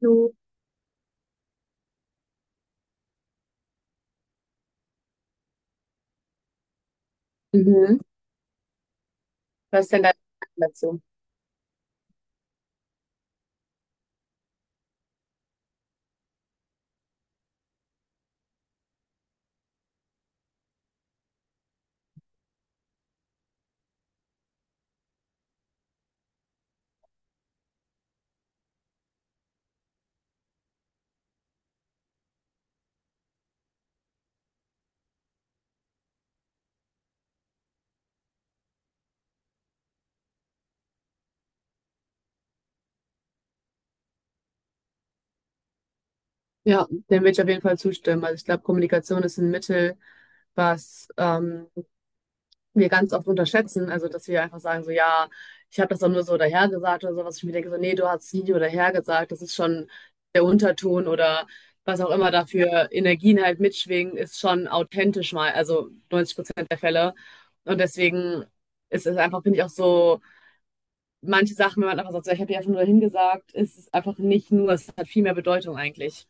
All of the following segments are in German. So. Mhm. Was ist denn dein Gedanke dazu? Ja, dem würde ich auf jeden Fall zustimmen. Also ich glaube, Kommunikation ist ein Mittel, was wir ganz oft unterschätzen. Also dass wir einfach sagen, so ja, ich habe das doch nur so dahergesagt oder sowas. Ich mir denke so, nee, du hast es nicht nur dahergesagt. Das ist schon der Unterton oder was auch immer dafür Energien halt mitschwingen, ist schon authentisch mal. Also 90% der Fälle. Und deswegen ist es einfach, finde ich, auch so. Manche Sachen, wenn man einfach sagt, so, ich habe ja einfach nur hingesagt, ist es einfach nicht nur, es hat viel mehr Bedeutung eigentlich.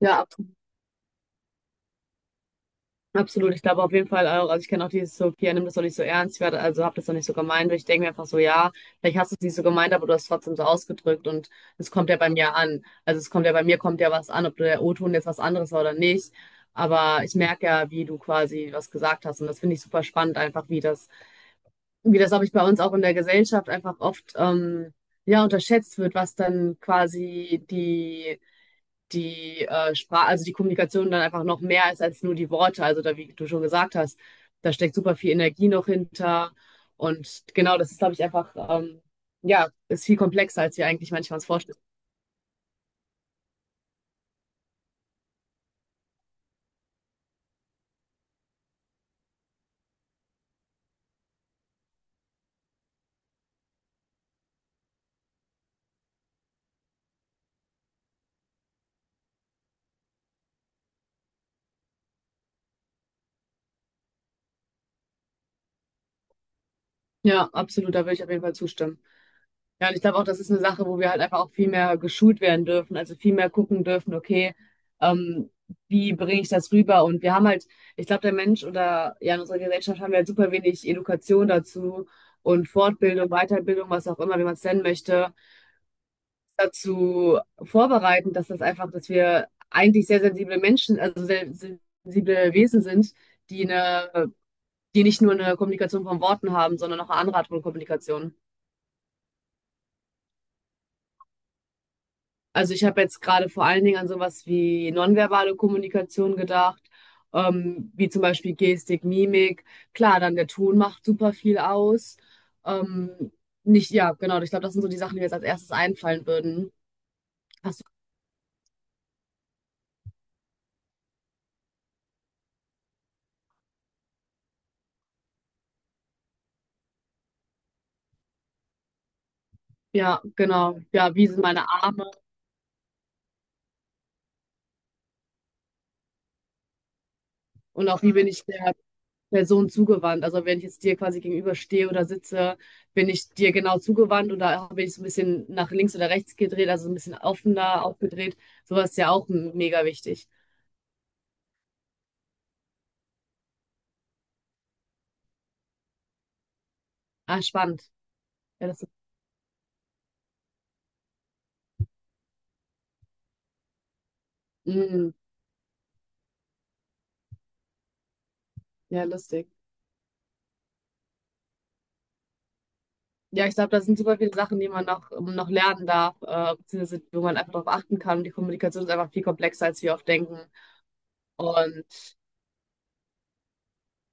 Ja, absolut, absolut. Ich glaube auf jeden Fall auch, also ich kenne auch dieses so, Pia, nimm das doch nicht so ernst, ich werde, also hab das doch nicht so gemeint, ich denke mir einfach so, ja, vielleicht hast du es nicht so gemeint, aber du hast es trotzdem so ausgedrückt und es kommt ja bei mir an. Also es kommt ja bei mir, kommt ja was an, ob der O-Ton jetzt was anderes war oder nicht, aber ich merke ja, wie du quasi was gesagt hast und das finde ich super spannend einfach, wie das wie das, glaube ich, bei uns auch in der Gesellschaft einfach oft ja, unterschätzt wird, was dann quasi die Sprache, also die Kommunikation dann einfach noch mehr ist als nur die Worte. Also da, wie du schon gesagt hast, da steckt super viel Energie noch hinter. Und genau, das ist, glaube ich, einfach, ja, ist viel komplexer, als wir eigentlich manchmal uns vorstellen. Ja, absolut, da würde ich auf jeden Fall zustimmen. Ja, und ich glaube auch, das ist eine Sache, wo wir halt einfach auch viel mehr geschult werden dürfen, also viel mehr gucken dürfen, okay, ähm, wie bringe ich das rüber? Und wir haben halt, ich glaube, der Mensch oder ja, in unserer Gesellschaft haben wir halt super wenig Education dazu und Fortbildung, Weiterbildung, was auch immer, wie man es nennen möchte, dazu vorbereiten, dass das einfach, dass wir eigentlich sehr sensible Menschen, also sehr sensible Wesen sind, die eine, die nicht nur eine Kommunikation von Worten haben, sondern auch eine andere Art von Kommunikation. Also ich habe jetzt gerade vor allen Dingen an sowas wie nonverbale Kommunikation gedacht, wie zum Beispiel Gestik, Mimik. Klar, dann der Ton macht super viel aus. Ähm, nicht, ja, genau. Ich glaube, das sind so die Sachen, die mir jetzt als erstes einfallen würden. Hast du, ja, genau. Ja, wie sind meine Arme und auch wie bin ich der Person zugewandt? Also wenn ich jetzt dir quasi gegenüberstehe oder sitze, bin ich dir genau zugewandt oder bin ich so ein bisschen nach links oder rechts gedreht, also so ein bisschen offener aufgedreht? Sowas ist ja auch mega wichtig. Ah, spannend. Ja, das ist, mm, ja, lustig. Ja, ich glaube, da sind super viele Sachen, die man noch, noch lernen darf, beziehungsweise wo man einfach darauf achten kann. Die Kommunikation ist einfach viel komplexer, als wir oft denken. Und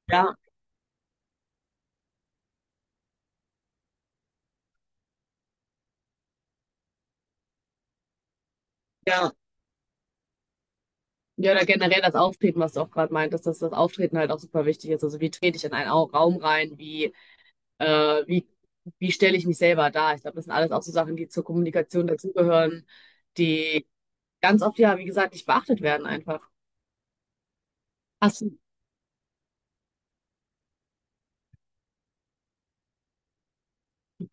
ja, ja, ja, oder generell das Auftreten, was du auch gerade meintest, dass das Auftreten halt auch super wichtig ist. Also wie trete ich in einen Raum rein, äh, wie, wie stelle ich mich selber dar? Ich glaube, das sind alles auch so Sachen, die zur Kommunikation dazugehören, die ganz oft, ja, wie gesagt, nicht beachtet werden einfach. Hast du,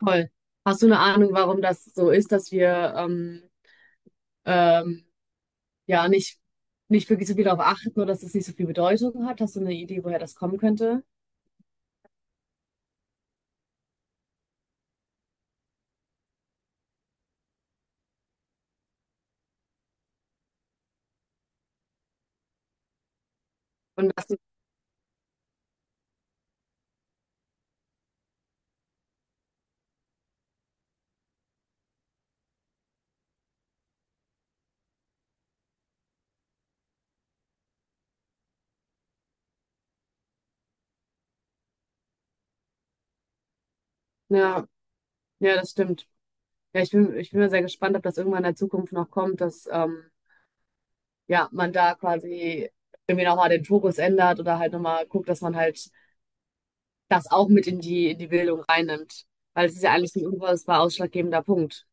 voll. Hast du eine Ahnung, warum das so ist, dass wir ähm, ja nicht wirklich so viel darauf achten oder dass es nicht so viel Bedeutung hat? Hast du eine Idee, woher das kommen könnte? Und das, ja, ja, das stimmt. Ja, ich bin mal sehr gespannt, ob das irgendwann in der Zukunft noch kommt, dass ja, man da quasi irgendwie nochmal den Fokus ändert oder halt nochmal guckt, dass man halt das auch mit in die Bildung reinnimmt. Weil es ist ja eigentlich ein unfassbar ausschlaggebender Punkt.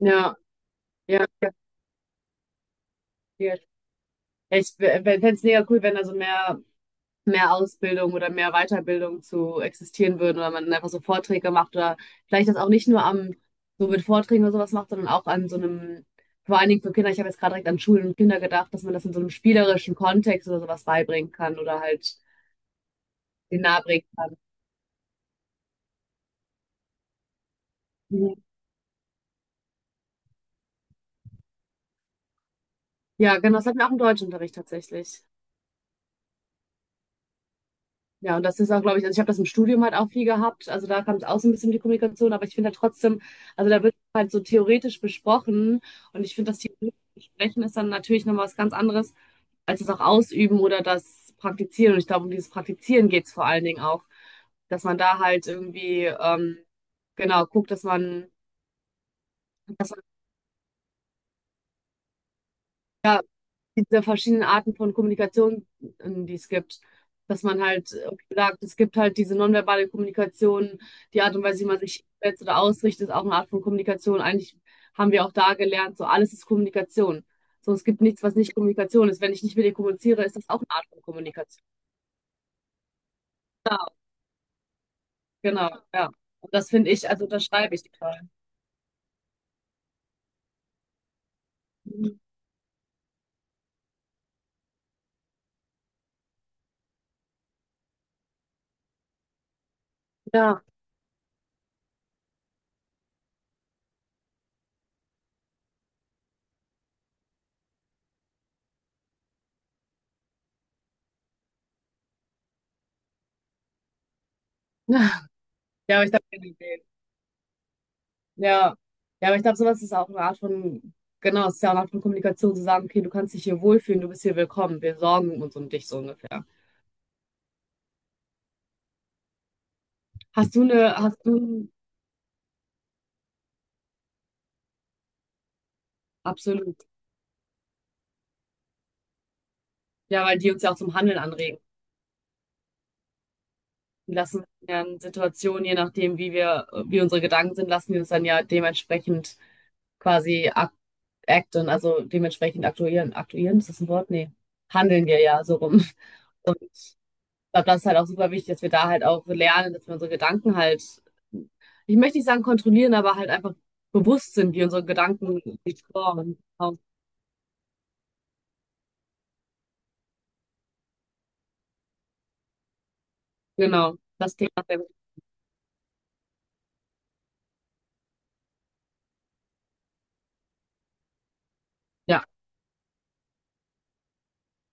Ja, ja, ja. Ja, ich fände es mega cool, wenn da so mehr. Mehr Ausbildung oder mehr Weiterbildung zu existieren würden oder man einfach so Vorträge macht oder vielleicht das auch nicht nur am, so mit Vorträgen oder sowas macht, sondern auch an so einem, vor allen Dingen für Kinder, ich habe jetzt gerade direkt an Schulen und Kinder gedacht, dass man das in so einem spielerischen Kontext oder sowas beibringen kann oder halt den nahebringen kann. Mhm. Ja, genau, das hatten wir auch im Deutschunterricht tatsächlich. Ja, und das ist auch, glaube ich, also ich habe das im Studium halt auch viel gehabt. Also da kam es auch so ein bisschen die Kommunikation, aber ich finde halt trotzdem, also da wird halt so theoretisch besprochen und ich finde, das theoretische Besprechen ist dann natürlich nochmal was ganz anderes als das auch ausüben oder das Praktizieren. Und ich glaube, um dieses Praktizieren geht es vor allen Dingen auch, dass man da halt irgendwie, genau, guckt, dass man ja, diese verschiedenen Arten von Kommunikation, die es gibt. Dass man halt irgendwie sagt, es gibt halt diese nonverbale Kommunikation, die Art und Weise, wie man sich setzt oder ausrichtet, ist auch eine Art von Kommunikation. Eigentlich haben wir auch da gelernt, so alles ist Kommunikation. So, es gibt nichts, was nicht Kommunikation ist. Wenn ich nicht mit dir kommuniziere, ist das auch eine Art von Kommunikation. Genau, ja. Und das finde ich, also das schreibe ich total. Mhm. Ja. Ja, aber ich habe keine Idee. Ja, ja, aber ich glaube, sowas ist auch eine Art von, genau, es ist ja auch eine Art von Kommunikation, zu sagen, okay, du kannst dich hier wohlfühlen, du bist hier willkommen, wir sorgen uns um dich so ungefähr. Hast du, absolut, ja, weil die uns ja auch zum Handeln anregen. Die lassen uns ja in Situationen, je nachdem, wie unsere Gedanken sind, lassen die uns dann ja dementsprechend quasi acten, also dementsprechend aktuieren. Aktuieren, ist das ein Wort? Nee. Handeln wir ja so rum. Glaube, das ist halt auch super wichtig, dass wir da halt auch lernen, dass wir unsere Gedanken halt, ich möchte nicht sagen kontrollieren, aber halt einfach bewusst sind, wie unsere Gedanken sich formen. Genau, das Thema. Ja.